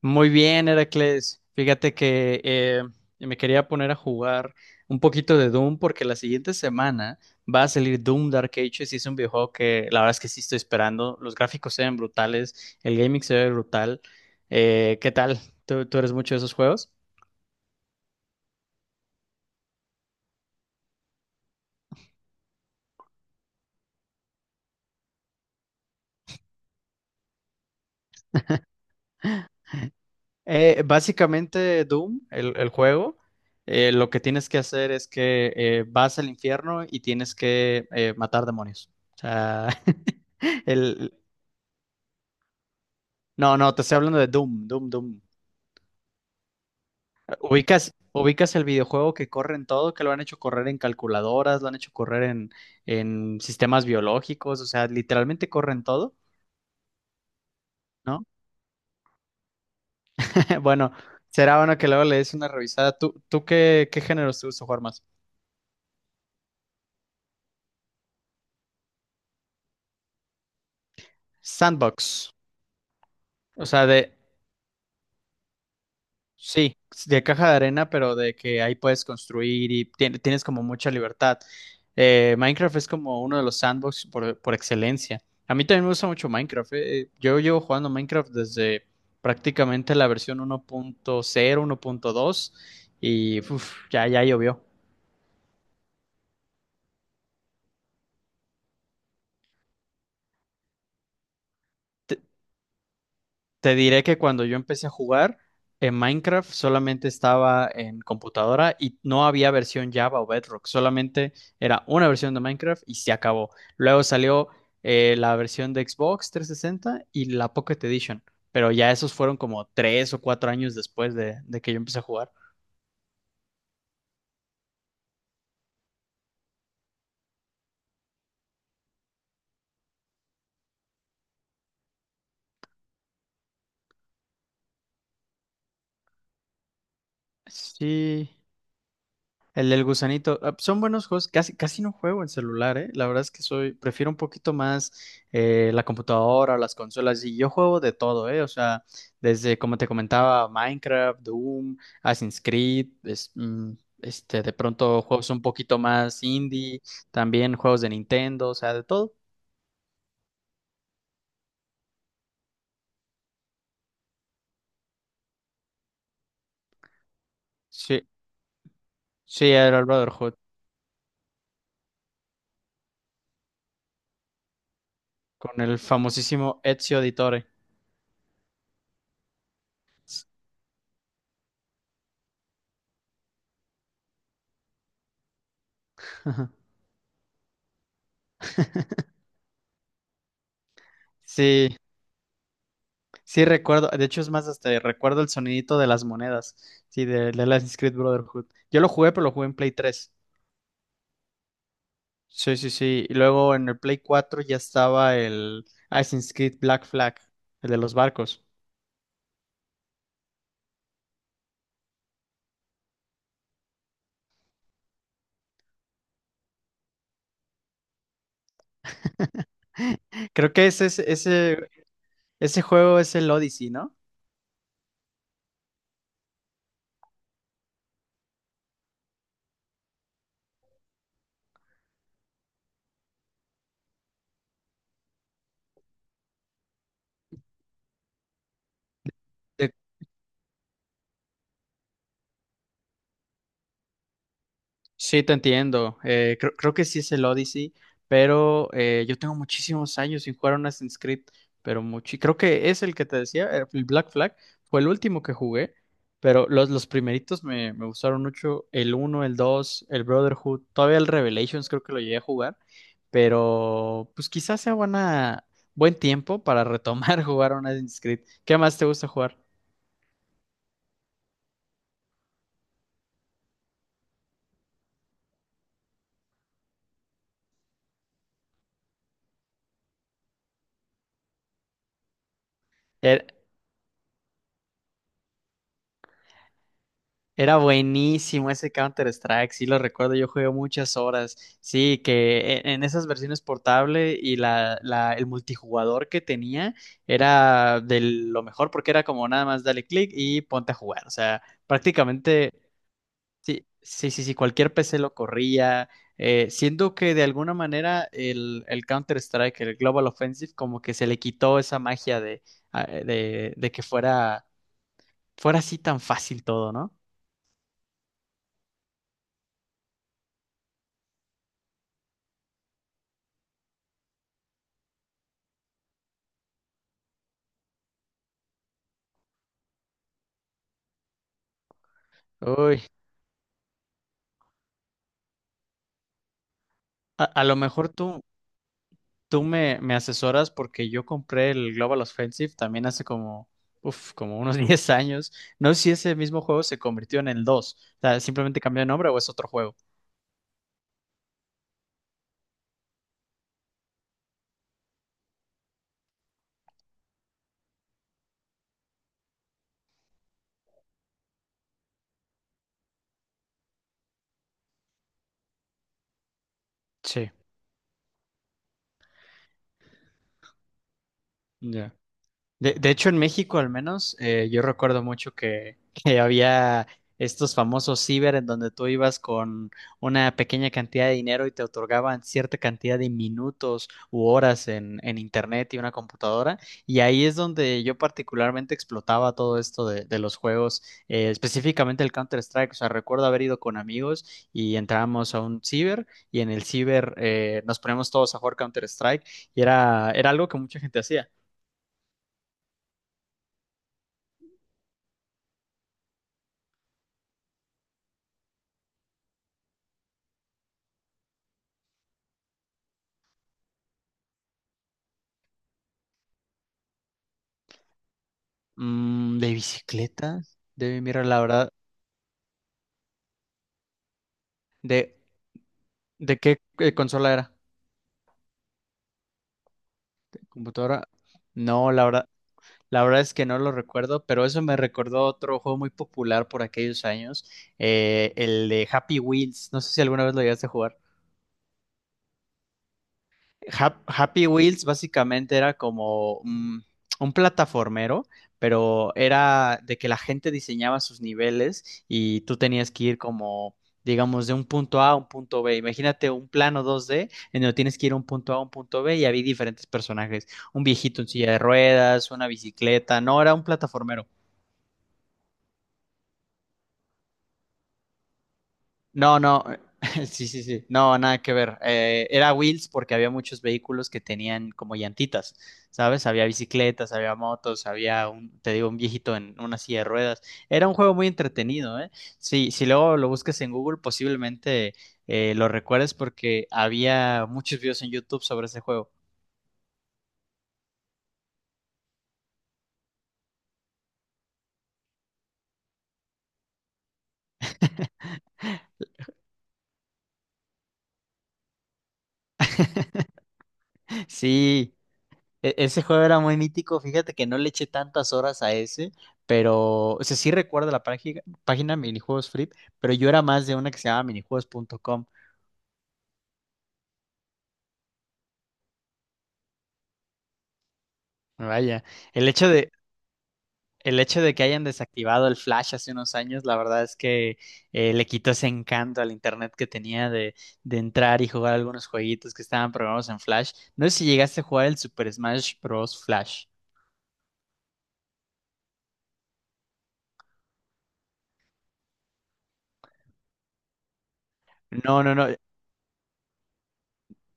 Muy bien, Heracles. Fíjate que me quería poner a jugar un poquito de Doom porque la siguiente semana va a salir Doom Dark Ages y es un videojuego que la verdad es que sí estoy esperando. Los gráficos se ven brutales, el gaming se ve brutal. ¿Qué tal? ¿Tú eres mucho de esos juegos? Básicamente Doom, el juego, lo que tienes que hacer es que vas al infierno y tienes que matar demonios. O sea, el, No, no, te estoy hablando de Doom, Doom, Doom. Ubicas, ubicas el videojuego que corre en todo, que lo han hecho correr en calculadoras, lo han hecho correr en sistemas biológicos, o sea, literalmente corren todo, ¿no? Bueno, será bueno que luego le des una revisada. ¿Tú qué géneros te gusta jugar más? Sandbox, o sea, de sí, de caja de arena, pero de que ahí puedes construir y tienes como mucha libertad. Minecraft es como uno de los sandbox por excelencia. A mí también me gusta mucho Minecraft. Yo llevo jugando Minecraft desde prácticamente la versión 1.0, 1.2 y ya, ya llovió. Te diré que cuando yo empecé a jugar en Minecraft solamente estaba en computadora y no había versión Java o Bedrock, solamente era una versión de Minecraft y se acabó. Luego salió la versión de Xbox 360 y la Pocket Edition, pero ya esos fueron como tres o cuatro años después de que yo empecé a jugar. Sí. El del gusanito. Son buenos juegos. Casi, casi no juego en celular, ¿eh? La verdad es que soy, prefiero un poquito más la computadora o las consolas. Y yo juego de todo, ¿eh? O sea, desde, como te comentaba, Minecraft, Doom, Assassin's Creed, este, de pronto juegos un poquito más indie, también juegos de Nintendo, o sea, de todo. Sí, sí, era el Brotherhood, con el famosísimo Ezio Auditore. Sí, sí, recuerdo, de hecho es más, hasta recuerdo el sonidito de las monedas, sí, de Assassin's Creed Brotherhood. Yo lo jugué, pero lo jugué en Play 3. Sí, sí, sí. Y luego en el Play 4 ya estaba el Assassin's Creed Black Flag, el de los barcos. Creo que ese juego es el Odyssey, ¿no? Sí, te entiendo. Creo que sí es el Odyssey, pero yo tengo muchísimos años sin jugar a un Assassin's Creed, pero mucho. Creo que es el que te decía, el Black Flag, fue el último que jugué, pero los primeritos me gustaron mucho, el uno, el 2, el Brotherhood, todavía el Revelations creo que lo llegué a jugar, pero pues quizás sea buen tiempo para retomar jugar a un Assassin's Creed. ¿Qué más te gusta jugar? Er, Era buenísimo ese Counter-Strike, sí lo recuerdo, yo jugué muchas horas. Sí, que en esas versiones portable y el multijugador que tenía era de lo mejor porque era como nada más dale clic y ponte a jugar. O sea, prácticamente, sí, sí, sí, sí, cualquier PC lo corría. Siento que de alguna manera el Counter-Strike, el Global Offensive, como que se le quitó esa magia de que fuera así tan fácil todo, ¿no? Uy. A lo mejor tú me asesoras porque yo compré el Global Offensive también hace como unos 10 años. No sé si ese mismo juego se convirtió en el dos. O sea, simplemente cambió de nombre o es otro juego. Sí. Ya. De hecho, en México al menos, yo recuerdo mucho que, que había estos famosos ciber en donde tú ibas con una pequeña cantidad de dinero y te otorgaban cierta cantidad de minutos u horas en, internet y una computadora. Y ahí es donde yo particularmente explotaba todo esto de los juegos, específicamente el Counter-Strike. O sea, recuerdo haber ido con amigos y entrábamos a un ciber y en el ciber nos poníamos todos a jugar Counter-Strike y era algo que mucha gente hacía. Mm, ¿de bicicleta? Mira, la verdad, ¿de, de qué consola era? ¿Computadora? No, la verdad es que no lo recuerdo, pero eso me recordó otro juego muy popular por aquellos años, el de Happy Wheels. No sé si alguna vez lo llegaste a jugar. Happy Wheels básicamente era como un plataformero, pero era de que la gente diseñaba sus niveles y tú tenías que ir como, digamos, de un punto A a un punto B. Imagínate un plano 2D en donde tienes que ir a un punto A a un punto B y había diferentes personajes, un viejito en silla de ruedas, una bicicleta, no, era un plataformero. No, no, sí, sí, sí, no, nada que ver. Era wheels porque había muchos vehículos que tenían como llantitas, ¿sabes? Había bicicletas, había motos, había un, te digo, un viejito en una silla de ruedas. Era un juego muy entretenido, ¿eh? Sí, si luego lo buscas en Google, posiblemente lo recuerdes porque había muchos videos en YouTube sobre ese juego. Sí, ese juego era muy mítico, fíjate que no le eché tantas horas a ese, pero, o sea, sí recuerdo la página Minijuegos Free, pero yo era más de una que se llama minijuegos.com. Vaya, el hecho de, el hecho de que hayan desactivado el Flash hace unos años, la verdad es que le quitó ese encanto al internet que tenía de, entrar y jugar algunos jueguitos que estaban programados en Flash. No sé si llegaste a jugar el Super Smash Bros. Flash. No, no, no,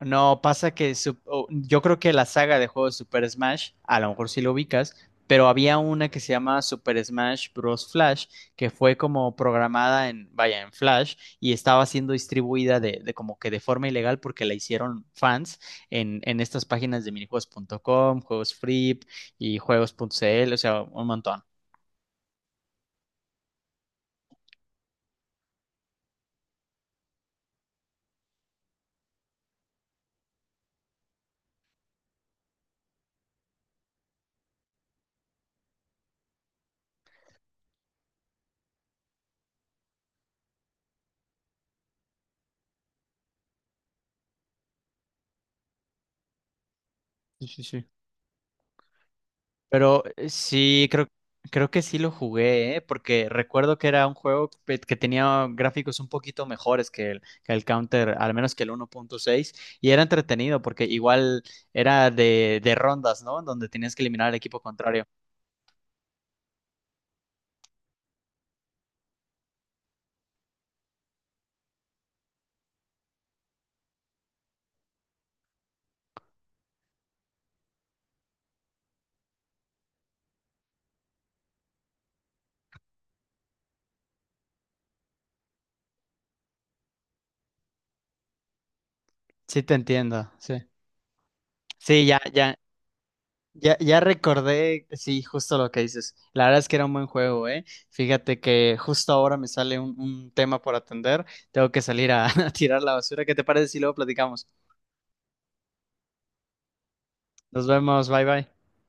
no, pasa que yo creo que la saga de juegos Super Smash, a lo mejor sí lo ubicas, pero había una que se llama Super Smash Bros. Flash, que fue como programada en, vaya, en Flash y estaba siendo distribuida de como que de forma ilegal porque la hicieron fans en estas páginas de minijuegos.com, juegos free y juegos.cl, o sea, un montón. Sí, sí, sí. Pero sí, creo que sí lo jugué, ¿eh? Porque recuerdo que era un juego que tenía gráficos un poquito mejores que el Counter, al menos que el 1.6 y era entretenido porque igual era de rondas, ¿no? Donde tenías que eliminar al equipo contrario. Sí, te entiendo, sí. Sí, ya, ya, ya, ya recordé, sí, justo lo que dices. La verdad es que era un buen juego, ¿eh? Fíjate que justo ahora me sale un tema por atender. Tengo que salir a, a tirar la basura. ¿Qué te parece si luego platicamos? Nos vemos, bye bye.